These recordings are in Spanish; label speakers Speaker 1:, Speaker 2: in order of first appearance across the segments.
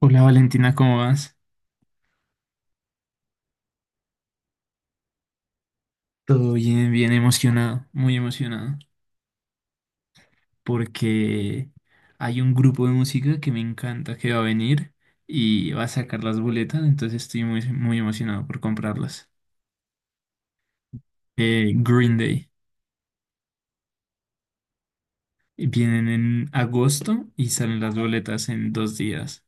Speaker 1: Hola Valentina, ¿cómo vas? Todo bien, bien emocionado, muy emocionado, porque hay un grupo de música que me encanta que va a venir y va a sacar las boletas, entonces estoy muy, muy emocionado por comprarlas. Green Day. Vienen en agosto y salen las boletas en 2 días.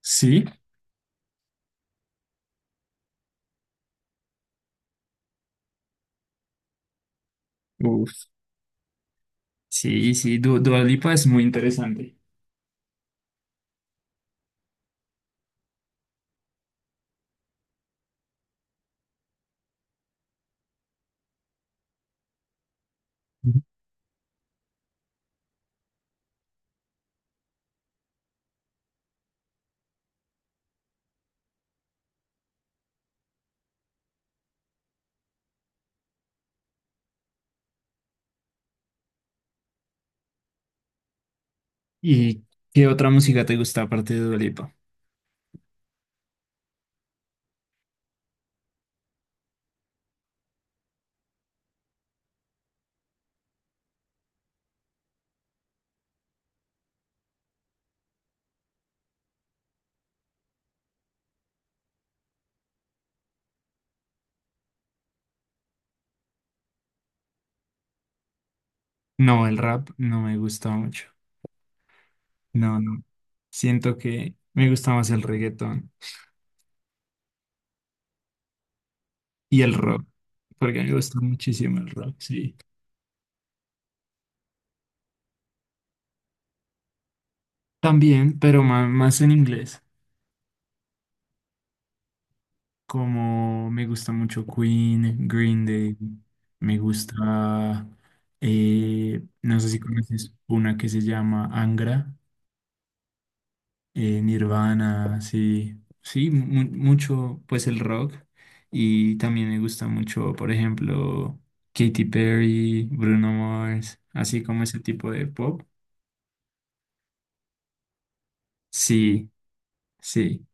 Speaker 1: ¿Sí? Uf. Sí, sí, Du Dua Lipa es muy interesante. Ujú. ¿Y qué otra música te gusta aparte de Dua Lipa? No, el rap no me gusta mucho. No, no. Siento que me gusta más el reggaetón y el rock, porque me gusta muchísimo el rock, sí. También, pero más, en inglés, como me gusta mucho Queen, Green Day, me gusta, no sé si conoces una que se llama Angra. Nirvana, sí, sí, mucho, pues el rock. Y también me gusta mucho, por ejemplo, Katy Perry, Bruno Mars, así como ese tipo de pop. Sí, sí.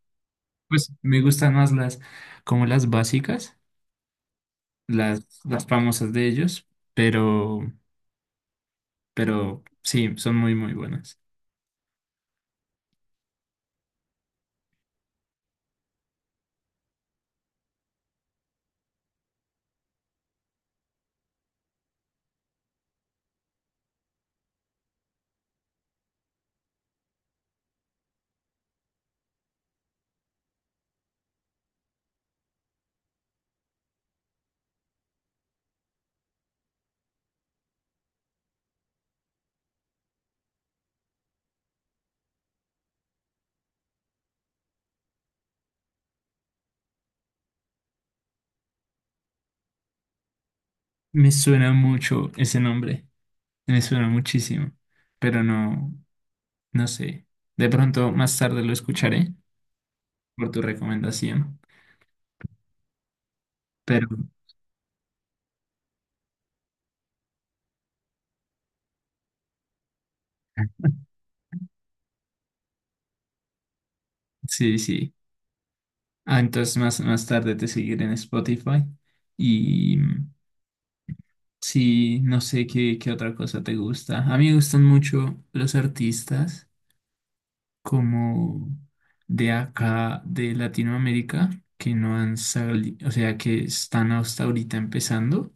Speaker 1: Pues me gustan más como las básicas, las famosas de ellos, pero, pero sí, son muy, muy buenas. Me suena mucho ese nombre, me suena muchísimo, pero no, no sé. De pronto más tarde lo escucharé por tu recomendación. Pero sí, sí. Ah, entonces más, más tarde te seguiré en Spotify. Y sí, no sé qué, qué otra cosa te gusta. A mí me gustan mucho los artistas como de acá, de Latinoamérica, que no han salido, o sea, que están hasta ahorita empezando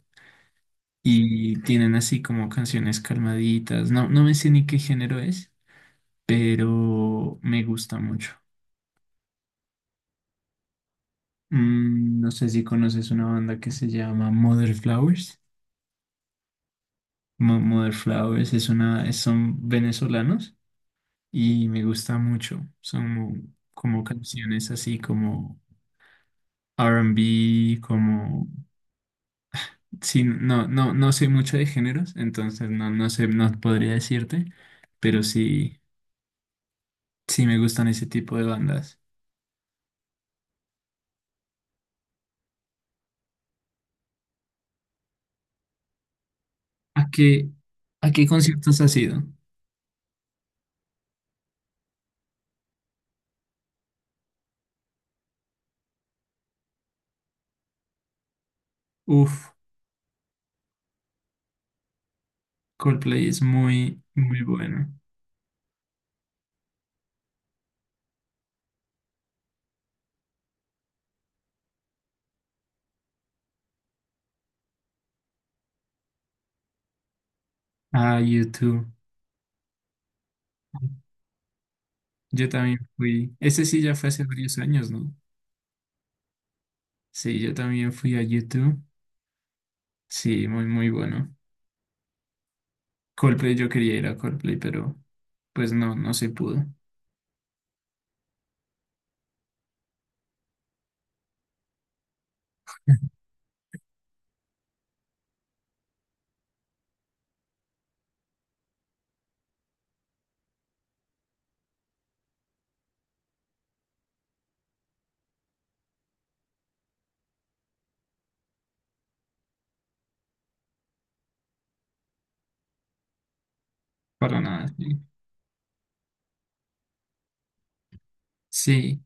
Speaker 1: y tienen así como canciones calmaditas. No, no me sé ni qué género es, pero me gusta mucho. No sé si conoces una banda que se llama Mother Flowers. Mother Flowers es son venezolanos y me gusta mucho. Son como canciones así como R and B, como... Sí, no, no, no sé mucho de géneros, entonces no, no sé, no podría decirte, pero sí, sí me gustan ese tipo de bandas. ¿A qué, a qué conciertos has ido? Uf, Coldplay es muy, muy bueno. Ah, YouTube. Yo también fui, ese sí ya fue hace varios años, ¿no? Sí, yo también fui a YouTube. Sí, muy, muy bueno. Coldplay, yo quería ir a Coldplay, pero pues no, no se pudo. Para nada, sí. Sí.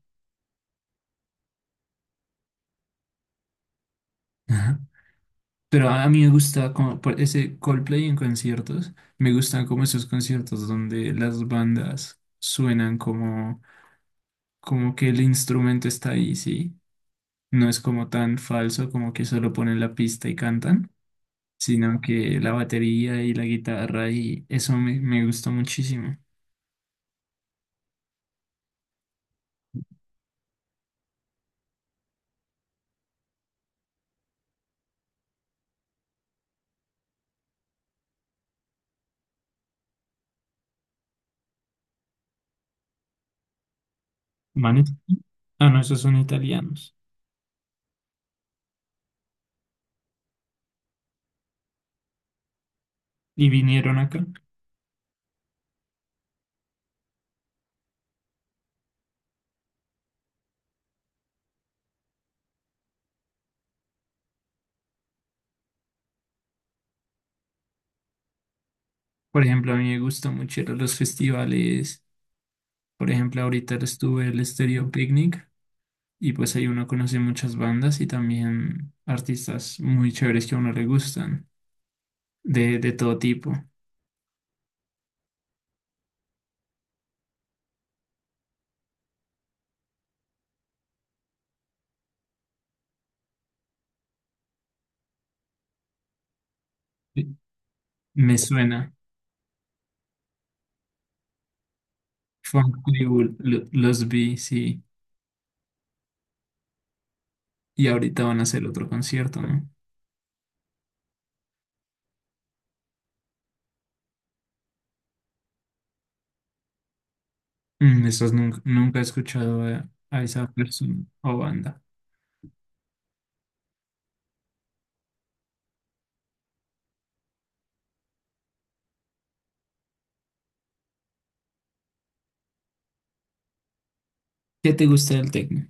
Speaker 1: Ajá. Pero a mí me gusta como por ese Coldplay en conciertos. Me gustan como esos conciertos donde las bandas suenan como, como que el instrumento está ahí, sí. No es como tan falso, como que solo ponen la pista y cantan, sino que la batería y la guitarra y eso me, me gustó muchísimo. Manes, ah, no, esos son italianos y vinieron acá. Por ejemplo, a mí me gusta mucho ir a los festivales. Por ejemplo, ahorita estuve el Stereo Picnic y pues ahí uno conoce muchas bandas y también artistas muy chéveres que a uno le gustan, de todo tipo. Sí. Me suena. Funk Tribu, los vi, sí. Y ahorita van a hacer otro concierto, ¿no? Esos nunca, nunca he escuchado a esa persona o banda. ¿Qué te gusta del tecno?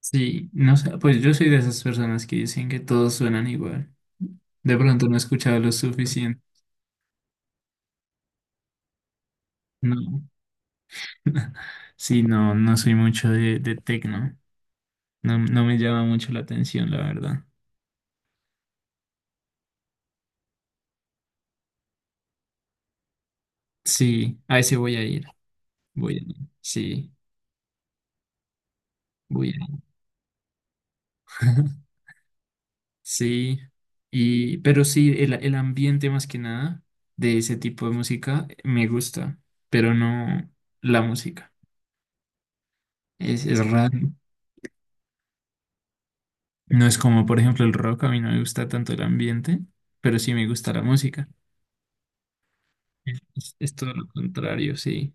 Speaker 1: Sí, no sé, pues yo soy de esas personas que dicen que todos suenan igual. De pronto no he escuchado lo suficiente. No. Sí, no, no soy mucho de tecno. No, no me llama mucho la atención, la verdad. Sí, a ese voy a ir. Voy a ir. Sí, voy a ir. Sí, y, pero sí, el ambiente más que nada de ese tipo de música me gusta, pero no la música. Es raro. No es como, por ejemplo, el rock, a mí no me gusta tanto el ambiente, pero sí me gusta la música. Es todo lo contrario, sí.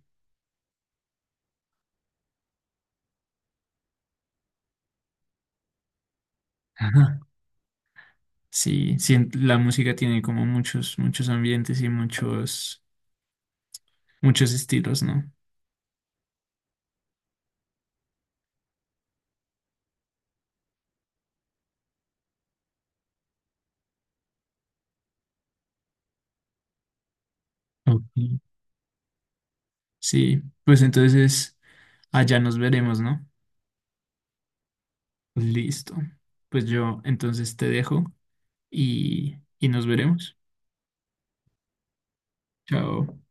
Speaker 1: Ajá. Sí, sí, en- la música tiene como muchos, muchos ambientes y muchos, muchos estilos, ¿no? Ok. Sí, pues entonces allá nos veremos, ¿no? Listo. Pues yo entonces te dejo y nos veremos. Chao.